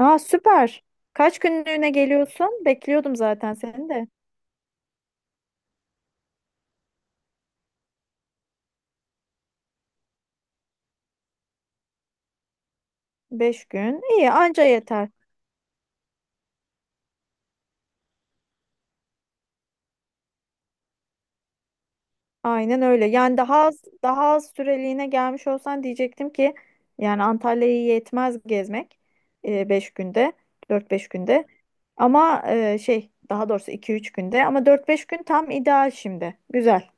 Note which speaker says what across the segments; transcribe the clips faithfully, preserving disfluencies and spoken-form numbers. Speaker 1: Aa, süper. Kaç günlüğüne geliyorsun? Bekliyordum zaten seni de. Beş gün. İyi anca yeter. Aynen öyle. Yani daha az, daha az süreliğine gelmiş olsan diyecektim ki yani Antalya'yı yetmez gezmek. E, beş günde. Dört beş günde. Ama e, şey, daha doğrusu iki üç günde. Ama dört beş gün tam ideal şimdi. Güzel.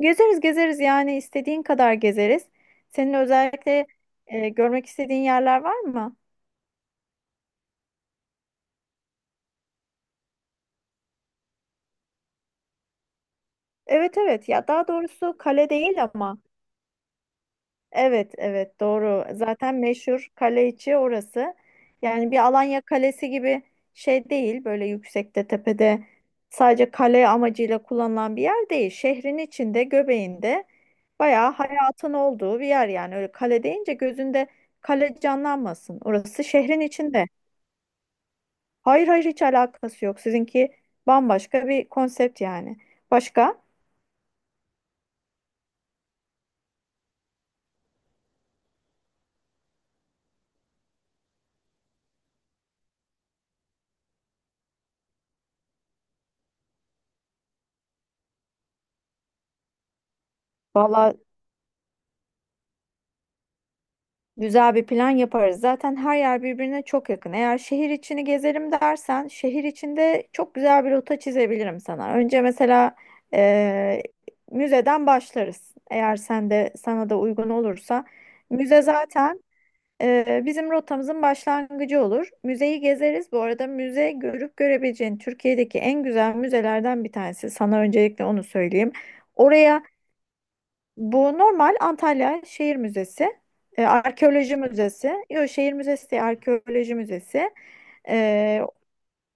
Speaker 1: Gezeriz gezeriz, yani istediğin kadar gezeriz. Senin özellikle e, görmek istediğin yerler var mı? Evet, evet. Ya, daha doğrusu kale değil ama evet, evet, doğru. Zaten meşhur kale içi orası. Yani bir Alanya Kalesi gibi şey değil, böyle yüksekte tepede, sadece kale amacıyla kullanılan bir yer değil. Şehrin içinde, göbeğinde, bayağı hayatın olduğu bir yer. Yani öyle kale deyince gözünde kale canlanmasın, orası şehrin içinde. Hayır, hayır, hiç alakası yok sizinki. Bambaşka bir konsept yani. Başka? Vallahi, güzel bir plan yaparız. Zaten her yer birbirine çok yakın. Eğer şehir içini gezerim dersen, şehir içinde çok güzel bir rota çizebilirim sana. Önce mesela eee, müzeden başlarız. Eğer sen de, sana da uygun olursa, müze zaten eee, bizim rotamızın başlangıcı olur. Müzeyi gezeriz. Bu arada müze, görüp görebileceğin Türkiye'deki en güzel müzelerden bir tanesi. Sana öncelikle onu söyleyeyim. Oraya, bu normal Antalya Şehir Müzesi, e, Arkeoloji Müzesi, yok, Şehir Müzesi değil, Arkeoloji Müzesi. E,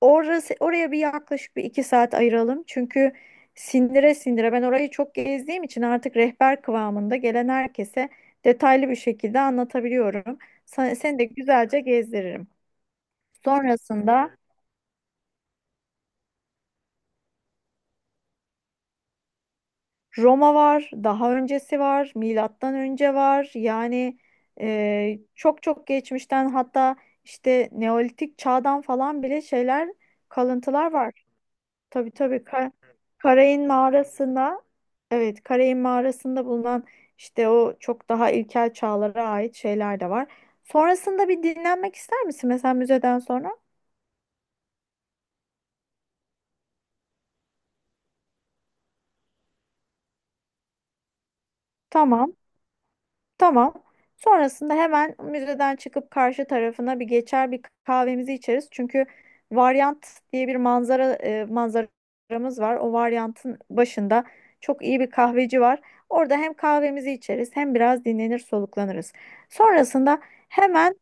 Speaker 1: orası, oraya bir yaklaşık bir iki saat ayıralım. Çünkü sindire sindire ben orayı çok gezdiğim için artık rehber kıvamında, gelen herkese detaylı bir şekilde anlatabiliyorum. Sen, seni de güzelce gezdiririm. Sonrasında Roma var, daha öncesi var, milattan önce var. Yani e, çok çok geçmişten, hatta işte Neolitik çağdan falan bile şeyler, kalıntılar var. Tabii tabii. Ka- Karayın mağarasında, evet, Karayın mağarasında bulunan işte o çok daha ilkel çağlara ait şeyler de var. Sonrasında bir dinlenmek ister misin mesela müzeden sonra? Tamam. Tamam. Sonrasında hemen müzeden çıkıp karşı tarafına bir geçer, bir kahvemizi içeriz. Çünkü varyant diye bir manzara, e, manzaramız var. O varyantın başında çok iyi bir kahveci var. Orada hem kahvemizi içeriz, hem biraz dinlenir soluklanırız. Sonrasında hemen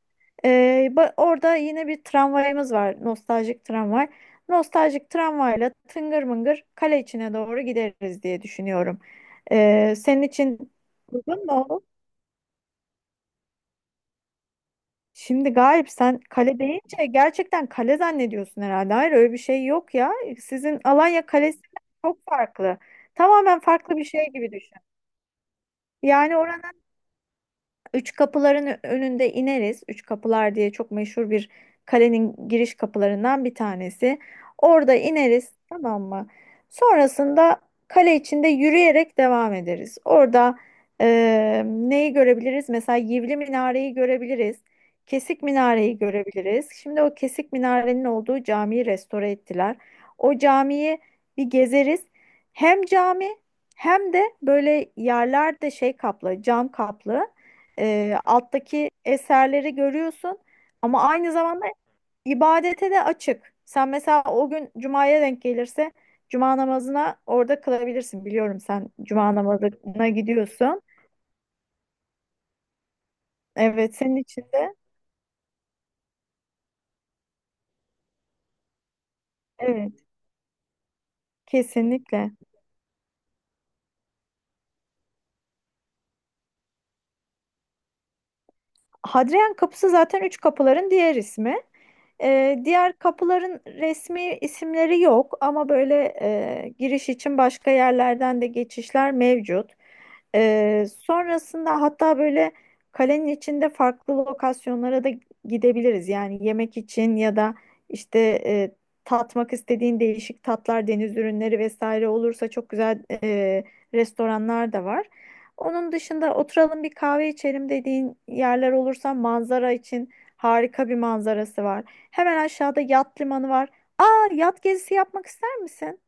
Speaker 1: e, ba- orada yine bir tramvayımız var. Nostaljik tramvay. Nostaljik tramvayla tıngır mıngır kale içine doğru gideriz diye düşünüyorum. E, senin için uygun mu? Şimdi Galip, sen kale deyince gerçekten kale zannediyorsun herhalde. Hayır, öyle bir şey yok ya. Sizin Alanya Kalesi çok farklı. Tamamen farklı bir şey gibi düşün. Yani oranın Üç Kapıların önünde ineriz. Üç Kapılar diye çok meşhur bir, kalenin giriş kapılarından bir tanesi. Orada ineriz, tamam mı? Sonrasında kale içinde yürüyerek devam ederiz. Orada e, neyi görebiliriz? Mesela Yivli Minare'yi görebiliriz. Kesik Minare'yi görebiliriz. Şimdi o Kesik Minare'nin olduğu camiyi restore ettiler. O camiyi bir gezeriz. Hem cami hem de böyle yerlerde şey kaplı, cam kaplı, e, alttaki eserleri görüyorsun, ama aynı zamanda ibadete de açık. Sen mesela o gün cumaya denk gelirse, cuma namazına orada kılabilirsin. Biliyorum, sen cuma namazına gidiyorsun. Evet, senin için de evet, kesinlikle. Hadrian kapısı zaten Üç Kapıların diğer ismi. Ee, diğer kapıların resmi isimleri yok ama böyle e, giriş için başka yerlerden de geçişler mevcut. Ee, sonrasında hatta böyle kalenin içinde farklı lokasyonlara da gidebiliriz. Yani yemek için ya da işte e, tatmak istediğin değişik tatlar, deniz ürünleri vesaire olursa çok güzel e, restoranlar da var. Onun dışında oturalım bir kahve içelim dediğin yerler olursa, manzara için harika bir manzarası var. Hemen aşağıda yat limanı var. Aa, yat gezisi yapmak ister misin?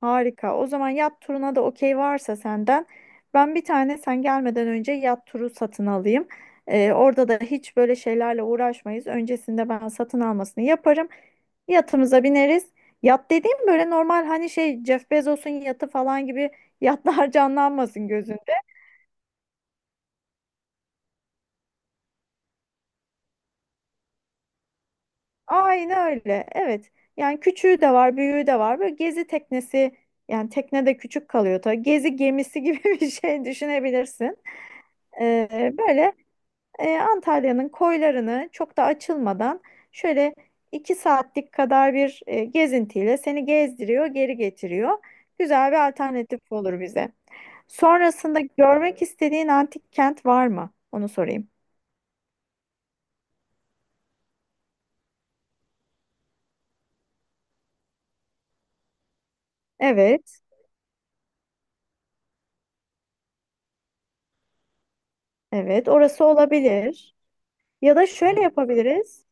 Speaker 1: Harika. O zaman yat turuna da okey varsa senden, ben bir tane sen gelmeden önce yat turu satın alayım. Ee, orada da hiç böyle şeylerle uğraşmayız. Öncesinde ben satın almasını yaparım. Yatımıza bineriz. Yat dediğim böyle normal, hani şey Jeff Bezos'un yatı falan gibi yatlar canlanmasın. Aynen öyle. Evet. Yani küçüğü de var, büyüğü de var. Böyle gezi teknesi, yani tekne de küçük kalıyor tabii. Gezi gemisi gibi bir şey düşünebilirsin. Ee, böyle e, Antalya'nın koylarını çok da açılmadan, şöyle iki saatlik kadar bir e, gezintiyle seni gezdiriyor, geri getiriyor. Güzel bir alternatif olur bize. Sonrasında görmek istediğin antik kent var mı? Onu sorayım. Evet, evet. Orası olabilir. Ya da şöyle yapabiliriz.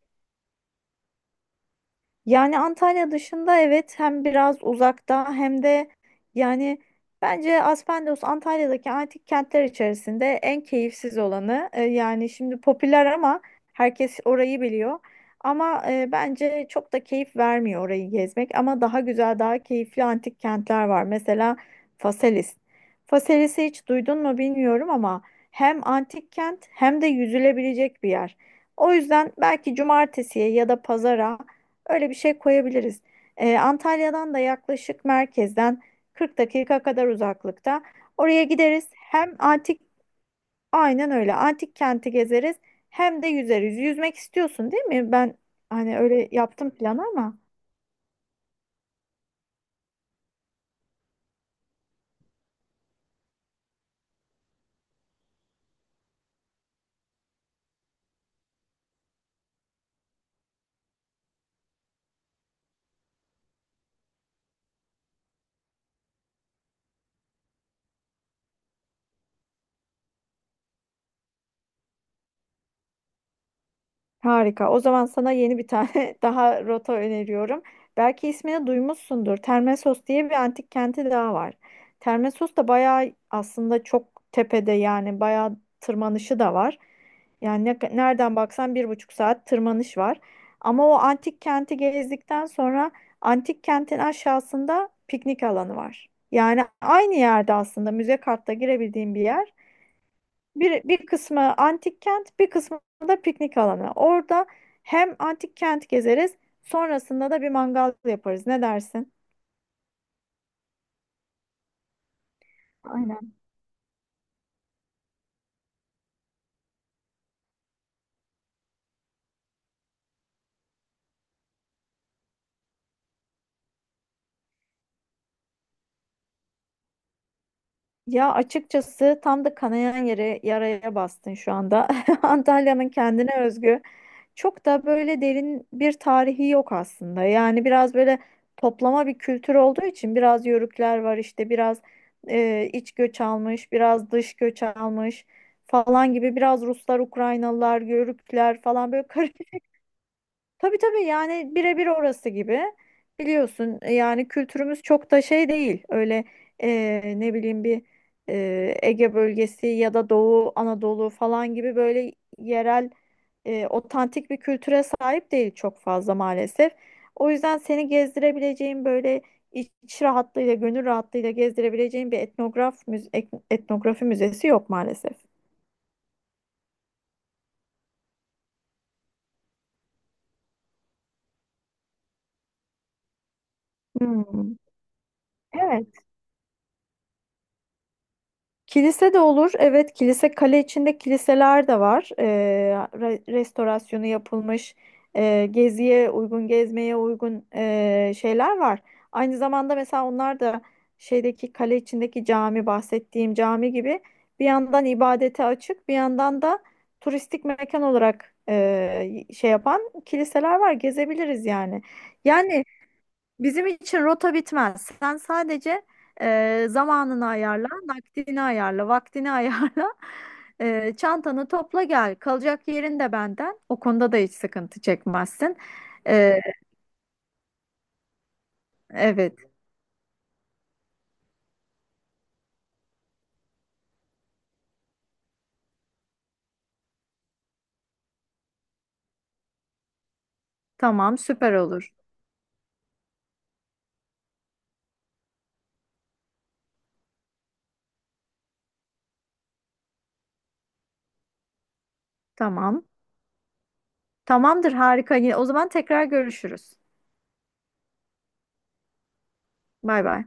Speaker 1: Yani Antalya dışında, evet, hem biraz uzakta hem de, yani bence Aspendos Antalya'daki antik kentler içerisinde en keyifsiz olanı. E, yani şimdi popüler ama herkes orayı biliyor. Ama e, bence çok da keyif vermiyor orayı gezmek. Ama daha güzel, daha keyifli antik kentler var. Mesela Faselis. Faselis'i hiç duydun mu bilmiyorum ama hem antik kent hem de yüzülebilecek bir yer. O yüzden belki cumartesiye ya da pazara öyle bir şey koyabiliriz. Ee, Antalya'dan da yaklaşık merkezden kırk dakika kadar uzaklıkta. Oraya gideriz. Hem antik, aynen öyle. Antik kenti gezeriz. Hem de yüzeriz. Yüzmek istiyorsun, değil mi? Ben hani öyle yaptım planı ama. Harika. O zaman sana yeni bir tane daha rota öneriyorum. Belki ismini duymuşsundur. Termesos diye bir antik kenti daha var. Termesos da bayağı, aslında çok tepede, yani bayağı tırmanışı da var. Yani ne- nereden baksan bir buçuk saat tırmanış var. Ama o antik kenti gezdikten sonra, antik kentin aşağısında piknik alanı var. Yani aynı yerde, aslında müze kartla girebildiğim bir yer. Bir, bir kısmı antik kent, bir kısmı da piknik alanı. Orada hem antik kent gezeriz, sonrasında da bir mangal yaparız. Ne dersin? Ya açıkçası tam da kanayan yere, yaraya bastın şu anda. Antalya'nın kendine özgü çok da böyle derin bir tarihi yok aslında. Yani biraz böyle toplama bir kültür olduğu için, biraz yörükler var, işte biraz e, iç göç almış, biraz dış göç almış falan gibi, biraz Ruslar, Ukraynalılar, Yörükler falan böyle. Tabii tabii, yani birebir orası gibi. Biliyorsun, e, yani kültürümüz çok da şey değil, öyle eee, ne bileyim bir eee, Ege bölgesi ya da Doğu Anadolu falan gibi böyle yerel, eee, otantik bir kültüre sahip değil çok fazla maalesef. O yüzden seni gezdirebileceğim böyle, iç rahatlığıyla, gönül rahatlığıyla gezdirebileceğim bir etnograf müze- etnografi müzesi yok maalesef. Hmm. Evet. Kilise de olur. Evet, kilise, kale içinde kiliseler de var. Ee, re- restorasyonu yapılmış, e, geziye uygun, gezmeye uygun e, şeyler var. Aynı zamanda mesela onlar da şeydeki kale içindeki cami, bahsettiğim cami gibi, bir yandan ibadete açık, bir yandan da turistik mekan olarak e, şey yapan kiliseler var. Gezebiliriz yani. Yani. Bizim için rota bitmez. Sen sadece e, zamanını ayarla, nakdini ayarla, vaktini ayarla. E, çantanı topla gel. Kalacak yerin de benden. O konuda da hiç sıkıntı çekmezsin. E, evet. Tamam, süper olur. Tamam. Tamamdır, harika. Yine, o zaman tekrar görüşürüz. Bay bay.